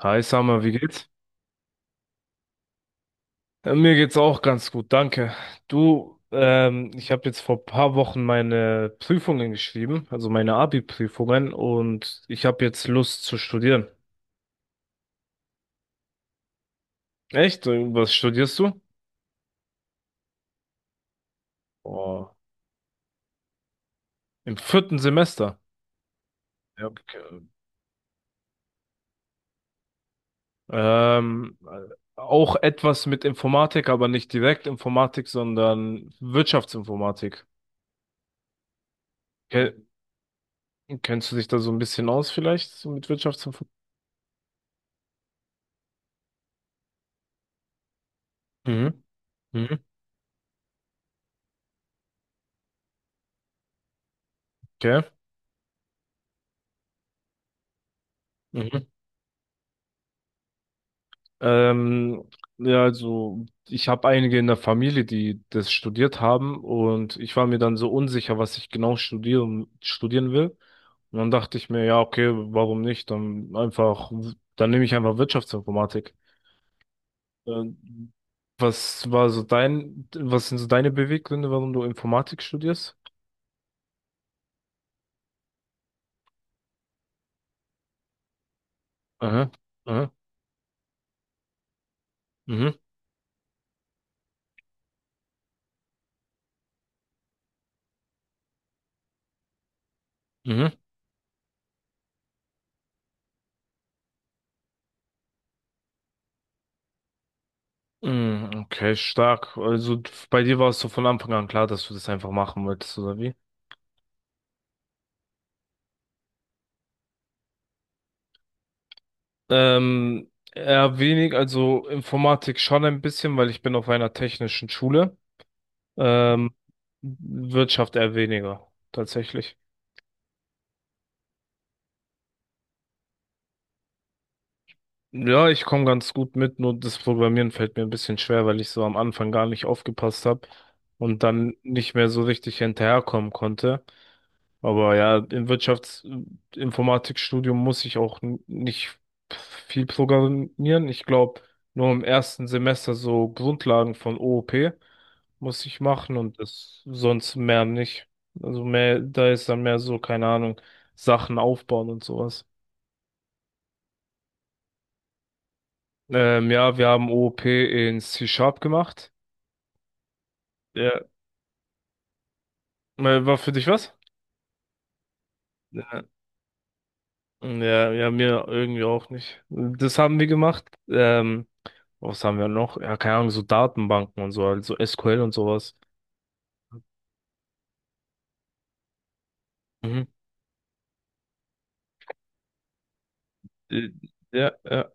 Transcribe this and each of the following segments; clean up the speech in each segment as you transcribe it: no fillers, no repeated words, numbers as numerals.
Hi Summer, wie geht's? Mir geht's auch ganz gut, danke. Du, ich habe jetzt vor paar Wochen meine Prüfungen geschrieben, also meine Abi-Prüfungen, und ich habe jetzt Lust zu studieren. Echt? Was studierst du? Oh, im vierten Semester. Ja, okay. Ähm, äh, auch etwas mit Informatik, aber nicht direkt Informatik, sondern Wirtschaftsinformatik. Ke- Kennst du dich da so ein bisschen aus vielleicht, so mit Wirtschaftsinformatik? Mhm. Mhm. Okay. Mhm. Ähm, ja, also ich habe einige in der Familie, die das studiert haben und ich war mir dann so unsicher, was ich genau studieren will. Und dann dachte ich mir, ja, okay, warum nicht? Dann einfach, dann nehme ich einfach Wirtschaftsinformatik. Ähm, was war so was sind so deine Beweggründe, warum du Informatik studierst? Aha, aha, mhm, mhm. Mm, okay, stark. Also bei dir war es so von Anfang an klar, dass du das einfach machen wolltest, oder wie? Eher wenig, also Informatik schon ein bisschen, weil ich bin auf einer technischen Schule. Ähm, Wirtschaft eher weniger, tatsächlich. Ja, ich komme ganz gut mit, nur das Programmieren fällt mir ein bisschen schwer, weil ich so am Anfang gar nicht aufgepasst habe und dann nicht mehr so richtig hinterherkommen konnte. Aber ja, im Wirtschaftsinformatikstudium muss ich auch nicht viel programmieren. Ich glaube, nur im ersten Semester so Grundlagen von OOP muss ich machen und das sonst mehr nicht. Also mehr, da ist dann mehr so, keine Ahnung, Sachen aufbauen und sowas. Ja, wir haben OOP in C-Sharp gemacht. Ja, war für dich was? Ja. Ja, ja, mir irgendwie auch nicht. Das haben wir gemacht. Was haben wir noch? Ja, keine Ahnung, so Datenbanken und so, also SQL und sowas. Mhm. Äh, ja, ja,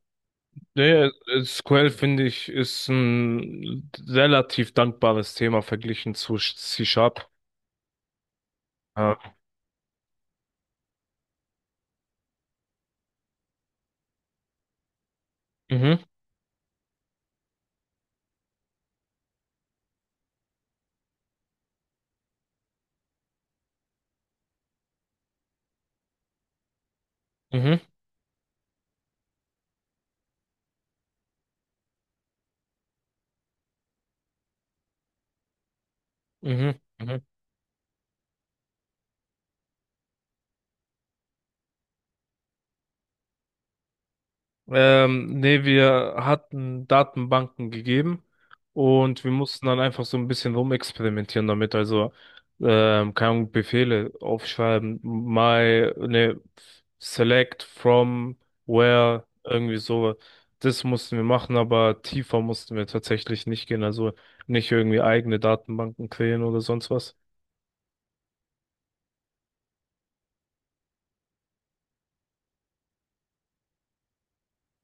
ja, ja, SQL finde ich ist ein relativ dankbares Thema verglichen zu C Sharp. Ja. Mhm, mhm, mhm, mhm. Nee, wir hatten Datenbanken gegeben und wir mussten dann einfach so ein bisschen rumexperimentieren damit. Also, keine Ahnung, Befehle aufschreiben, my, ne, select from where, irgendwie so. Das mussten wir machen, aber tiefer mussten wir tatsächlich nicht gehen. Also nicht irgendwie eigene Datenbanken kreieren oder sonst was.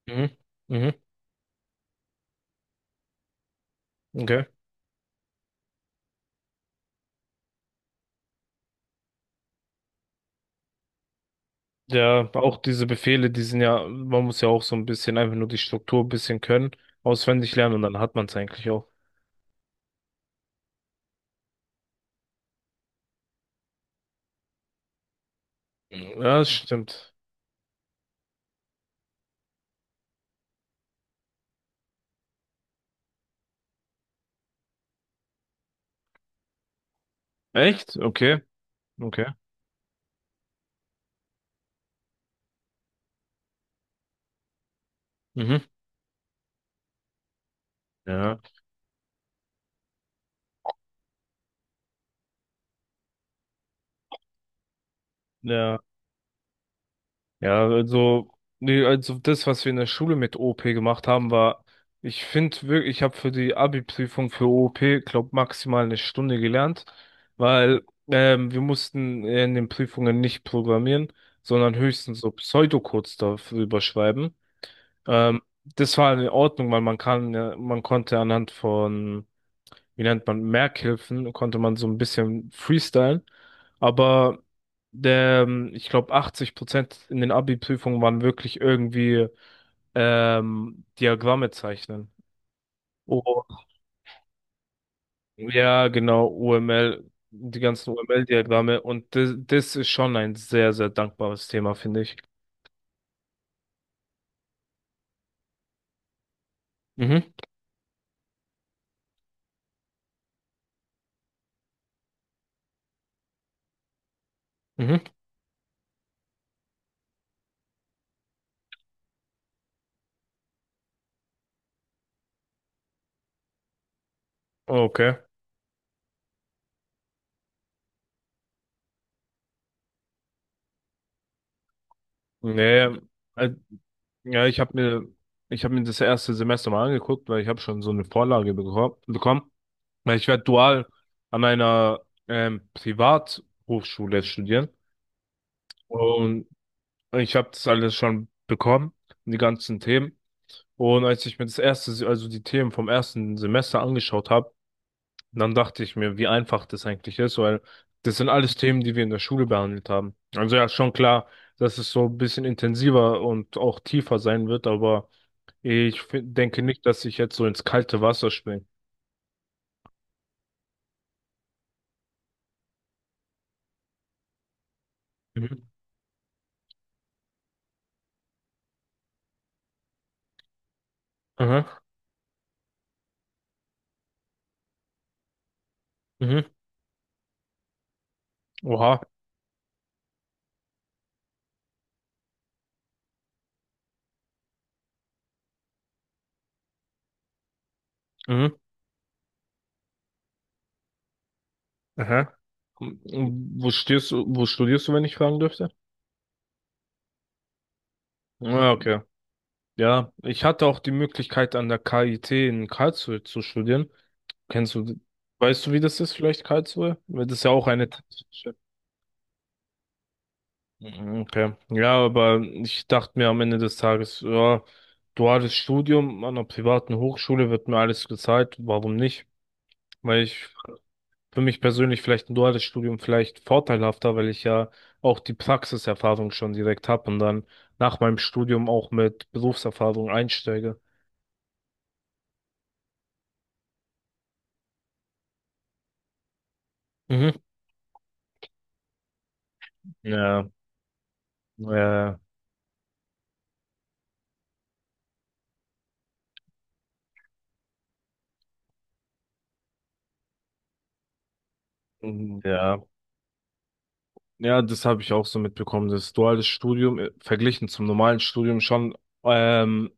Mhm. Mhm. Okay. Ja, auch diese Befehle, die sind ja, man muss ja auch so ein bisschen einfach nur die Struktur ein bisschen können, auswendig lernen und dann hat man es eigentlich auch. Ja, das stimmt. Echt? Okay, okay. Mhm. Ja, ja, ja, also, nee, also das, was wir in der Schule mit OP gemacht haben, war, ich finde wirklich, ich habe für die Abi-Prüfung für OP, glaube maximal eine Stunde gelernt, weil wir mussten in den Prüfungen nicht programmieren, sondern höchstens so Pseudocodes darüber schreiben. Ähm, das war in Ordnung, weil man kann, ja- man konnte anhand von, wie nennt man, Merkhilfen, konnte man so ein bisschen freestylen. Aber ich glaube, 80 Prozent in den Abi-Prüfungen waren wirklich irgendwie Diagramme zeichnen. Oh, ja, genau, UML, die ganzen UML-Diagramme. Und das, das ist schon ein sehr, sehr dankbares Thema, finde ich. Mhm, mhm. Okay. Nee, äh, ja, ich habe mir das erste Semester mal angeguckt, weil ich habe schon so eine Vorlage bekommen. Weil ich werde dual an einer Privathochschule studieren. Und ich habe das alles schon bekommen, die ganzen Themen. Und als ich mir das erste, also die Themen vom ersten Semester angeschaut habe, dann dachte ich mir, wie einfach das eigentlich ist, weil das sind alles Themen, die wir in der Schule behandelt haben. Also ja, schon klar, dass es so ein bisschen intensiver und auch tiefer sein wird, aber ich denke nicht, dass ich jetzt so ins kalte Wasser springe. Mhm. Aha. Mhm. Oha. Mhm. Aha. M- Wo studierst du, wenn ich fragen dürfte? Ah, okay. Ja, ich hatte auch die Möglichkeit, an der KIT in Karlsruhe zu studieren. Kennst du, weißt du, wie das ist, vielleicht Karlsruhe? Weil das ist ja auch eine technische. Mhm, okay. Ja, aber ich dachte mir am Ende des Tages, ja, duales Studium an einer privaten Hochschule wird mir alles gezahlt. Warum nicht? Weil ich für mich persönlich vielleicht ein duales Studium vielleicht vorteilhafter, weil ich ja auch die Praxiserfahrung schon direkt habe und dann nach meinem Studium auch mit Berufserfahrung einsteige. Mhm. Ja, äh, ja, ja, das habe ich auch so mitbekommen, dass duales Studium verglichen zum normalen Studium schon ähm,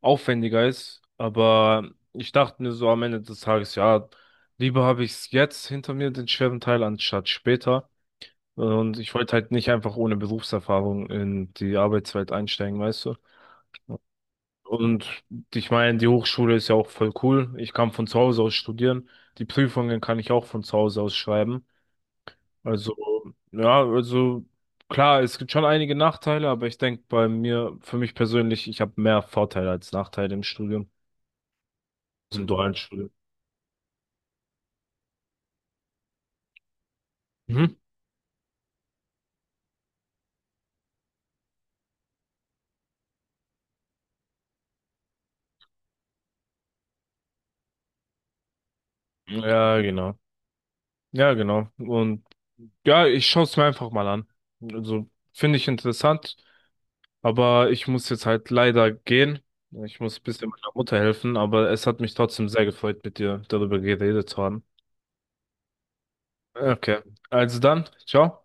aufwendiger ist. Aber ich dachte mir so am Ende des Tages, ja, lieber habe ich es jetzt hinter mir, den schweren Teil, anstatt später. Und ich wollte halt nicht einfach ohne Berufserfahrung in die Arbeitswelt einsteigen, weißt du? Und ich meine, die Hochschule ist ja auch voll cool. Ich kann von zu Hause aus studieren. Die Prüfungen kann ich auch von zu Hause aus schreiben. Also, ja, also klar, es gibt schon einige Nachteile, aber ich denke bei mir, für mich persönlich, ich habe mehr Vorteile als Nachteile im Studium, also im dualen Studium. Mhm. Ja, genau. Ja, genau. Und ja, ich schaue es mir einfach mal an. Also, finde ich interessant. Aber ich muss jetzt halt leider gehen. Ich muss ein bisschen meiner Mutter helfen, aber es hat mich trotzdem sehr gefreut, mit dir darüber geredet zu haben. Okay, also dann, ciao.